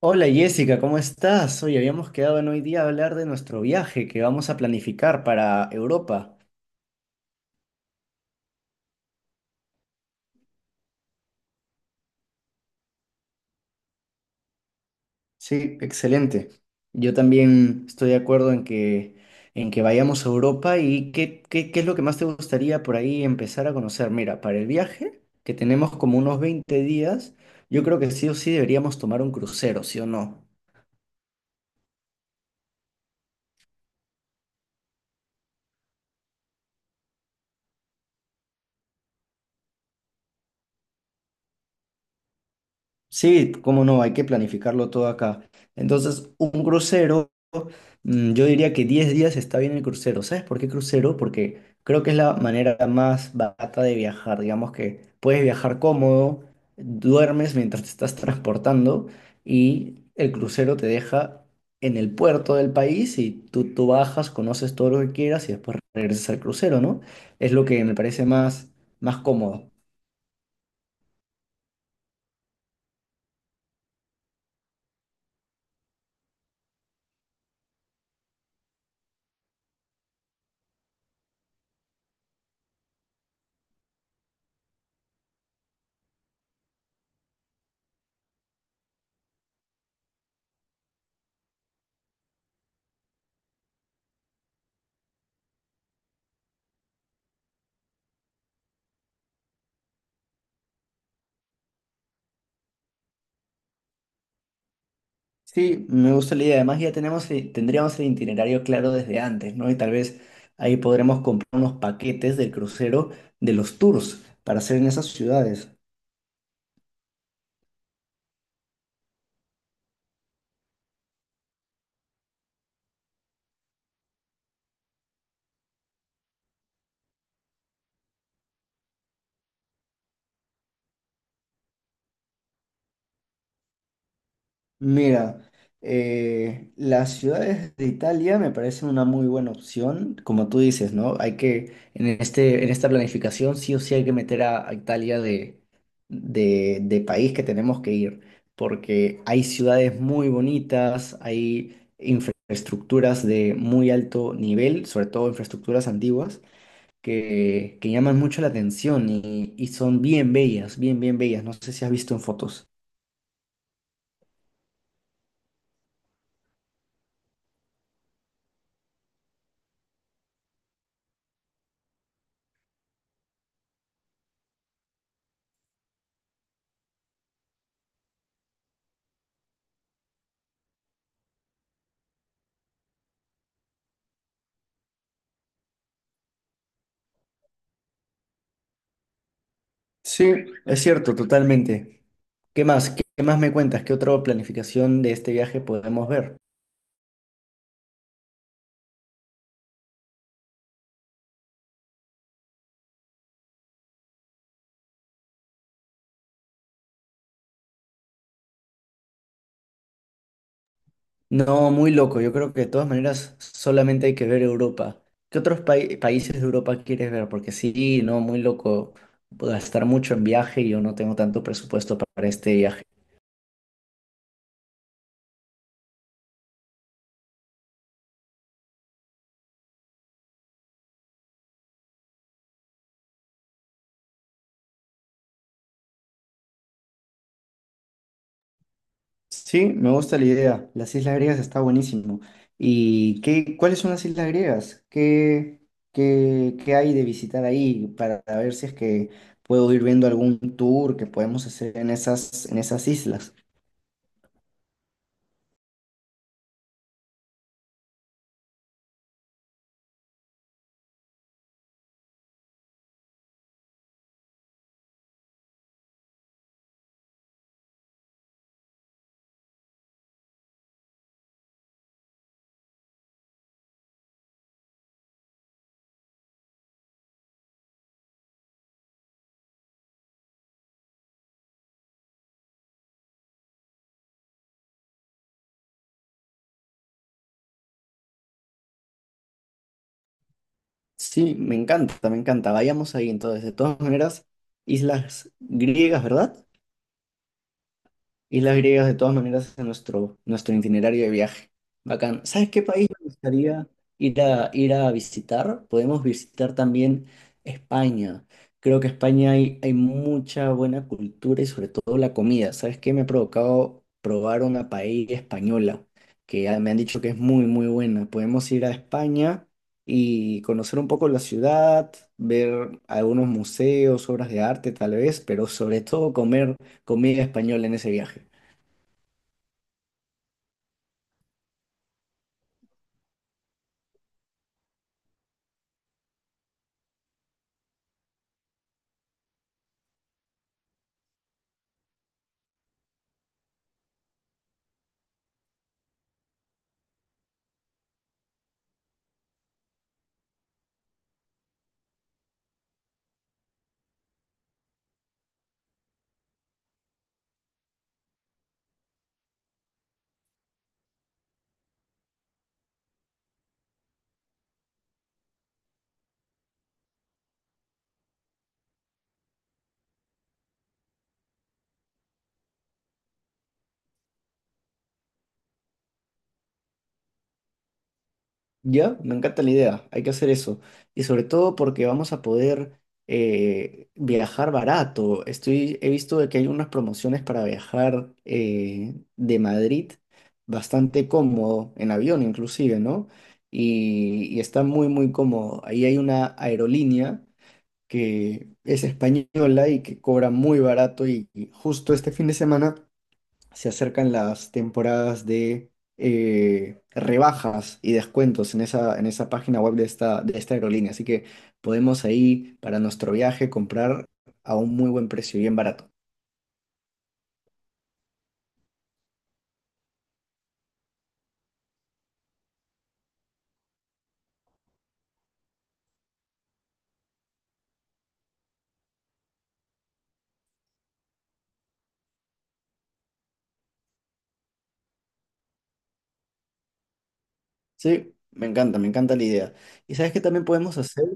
Hola Jessica, ¿cómo estás? Hoy habíamos quedado en hoy día a hablar de nuestro viaje que vamos a planificar para Europa. Sí, excelente. Yo también estoy de acuerdo en que vayamos a Europa y qué es lo que más te gustaría por ahí empezar a conocer. Mira, para el viaje, que tenemos como unos 20 días, yo creo que sí o sí deberíamos tomar un crucero, ¿sí o no? Sí, cómo no, hay que planificarlo todo acá. Entonces, un crucero, yo diría que 10 días está bien el crucero. ¿Sabes por qué crucero? Porque creo que es la manera más barata de viajar. Digamos que puedes viajar cómodo, duermes mientras te estás transportando y el crucero te deja en el puerto del país y tú bajas, conoces todo lo que quieras y después regresas al crucero, ¿no? Es lo que me parece más cómodo. Sí, me gusta la idea. Además, ya tenemos, tendríamos el itinerario claro desde antes, ¿no? Y tal vez ahí podremos comprar unos paquetes del crucero de los tours para hacer en esas ciudades. Mira, las ciudades de Italia me parecen una muy buena opción, como tú dices, ¿no? Hay que, en esta planificación sí o sí hay que meter a Italia de, de país que tenemos que ir, porque hay ciudades muy bonitas, hay infraestructuras de muy alto nivel, sobre todo infraestructuras antiguas, que llaman mucho la atención y son bien bellas, bien bellas. No sé si has visto en fotos. Sí, es cierto, totalmente. ¿Qué más? ¿Qué más me cuentas? ¿Qué otra planificación de este viaje podemos ver? No, muy loco. Yo creo que de todas maneras solamente hay que ver Europa. ¿Qué otros países de Europa quieres ver? Porque sí, no, muy loco. Gastar mucho en viaje y yo no tengo tanto presupuesto para este viaje. Sí, me gusta la idea. Las islas griegas está buenísimo. ¿Y qué, cuáles son las islas griegas? ¿Qué hay de visitar ahí para ver si es que puedo ir viendo algún tour que podemos hacer en esas islas? Sí, me encanta, me encanta. Vayamos ahí entonces. De todas maneras, islas griegas, ¿verdad? Islas griegas de todas maneras en nuestro itinerario de viaje. Bacán. ¿Sabes qué país me gustaría ir a visitar? Podemos visitar también España. Creo que España hay, hay mucha buena cultura y sobre todo la comida. ¿Sabes qué? Me ha provocado probar una paella española que ah, me han dicho que es muy, muy buena. Podemos ir a España y conocer un poco la ciudad, ver algunos museos, obras de arte tal vez, pero sobre todo comer comida española en ese viaje. Ya, me encanta la idea, hay que hacer eso. Y sobre todo porque vamos a poder viajar barato. Estoy, he visto de que hay unas promociones para viajar de Madrid bastante cómodo, en avión inclusive, ¿no? Y está muy, muy cómodo. Ahí hay una aerolínea que es española y que cobra muy barato y justo este fin de semana se acercan las temporadas de rebajas y descuentos en esa página web de esta aerolínea. Así que podemos ahí para nuestro viaje comprar a un muy buen precio, bien barato. Sí, me encanta la idea. ¿Y sabes qué también podemos hacer?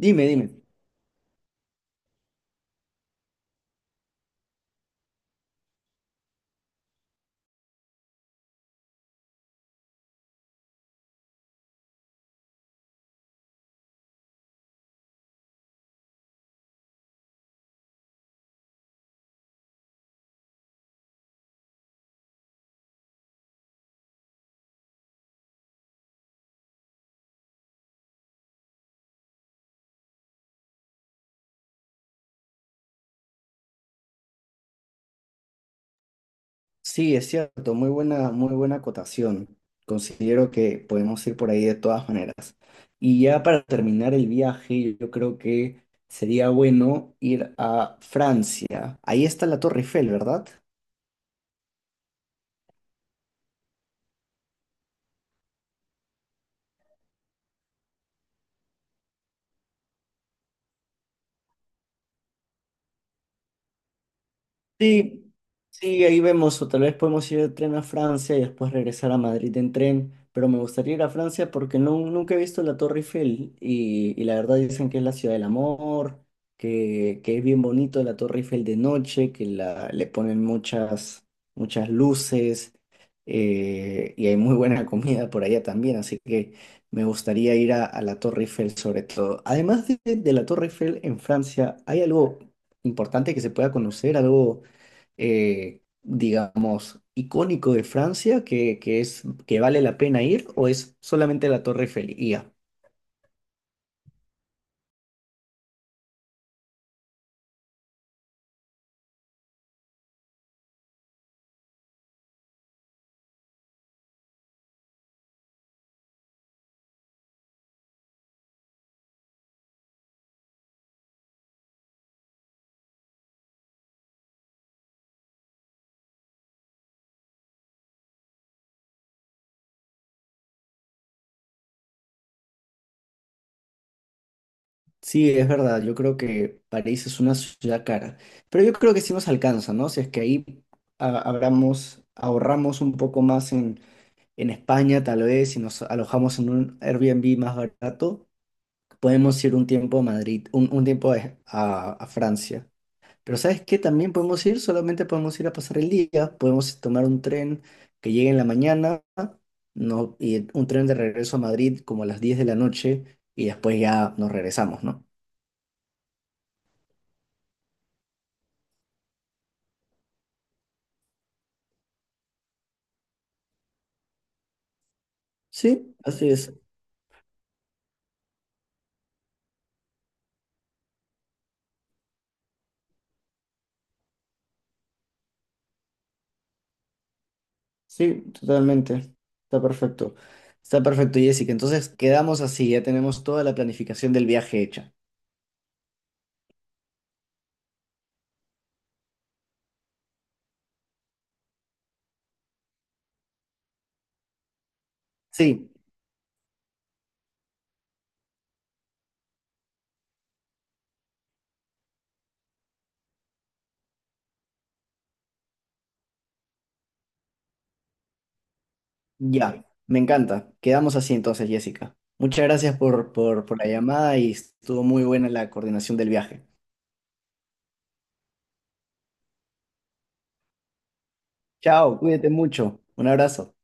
Dime, dime. Sí, es cierto, muy buena acotación. Considero que podemos ir por ahí de todas maneras. Y ya para terminar el viaje, yo creo que sería bueno ir a Francia. Ahí está la Torre Eiffel, ¿verdad? Sí, sí, ahí vemos, o tal vez podemos ir de tren a Francia y después regresar a Madrid en tren, pero me gustaría ir a Francia porque no, nunca he visto la Torre Eiffel y la verdad dicen que es la ciudad del amor, que es bien bonito la Torre Eiffel de noche, que la, le ponen muchas, muchas luces y hay muy buena comida por allá también, así que me gustaría ir a la Torre Eiffel sobre todo. Además de la Torre Eiffel en Francia, ¿hay algo importante que se pueda conocer, algo digamos, icónico de Francia que es, que vale la pena ir o es solamente la Torre Eiffel? Y ya. Sí, es verdad, yo creo que París es una ciudad cara, pero yo creo que sí nos alcanza, ¿no? Si es que ahí abramos, ahorramos un poco más en España, tal vez, si nos alojamos en un Airbnb más barato, podemos ir un tiempo a Madrid, un tiempo a, a Francia. Pero ¿sabes qué? También podemos ir, solamente podemos ir a pasar el día, podemos tomar un tren que llegue en la mañana, no, y un tren de regreso a Madrid como a las 10 de la noche y después ya nos regresamos, ¿no? Sí, así es. Sí, totalmente. Está perfecto. Está perfecto, Jessica. Entonces quedamos así, ya tenemos toda la planificación del viaje hecha. Sí, ya, me encanta. Quedamos así entonces, Jessica. Muchas gracias por la llamada y estuvo muy buena la coordinación del viaje. Chao, cuídate mucho. Un abrazo.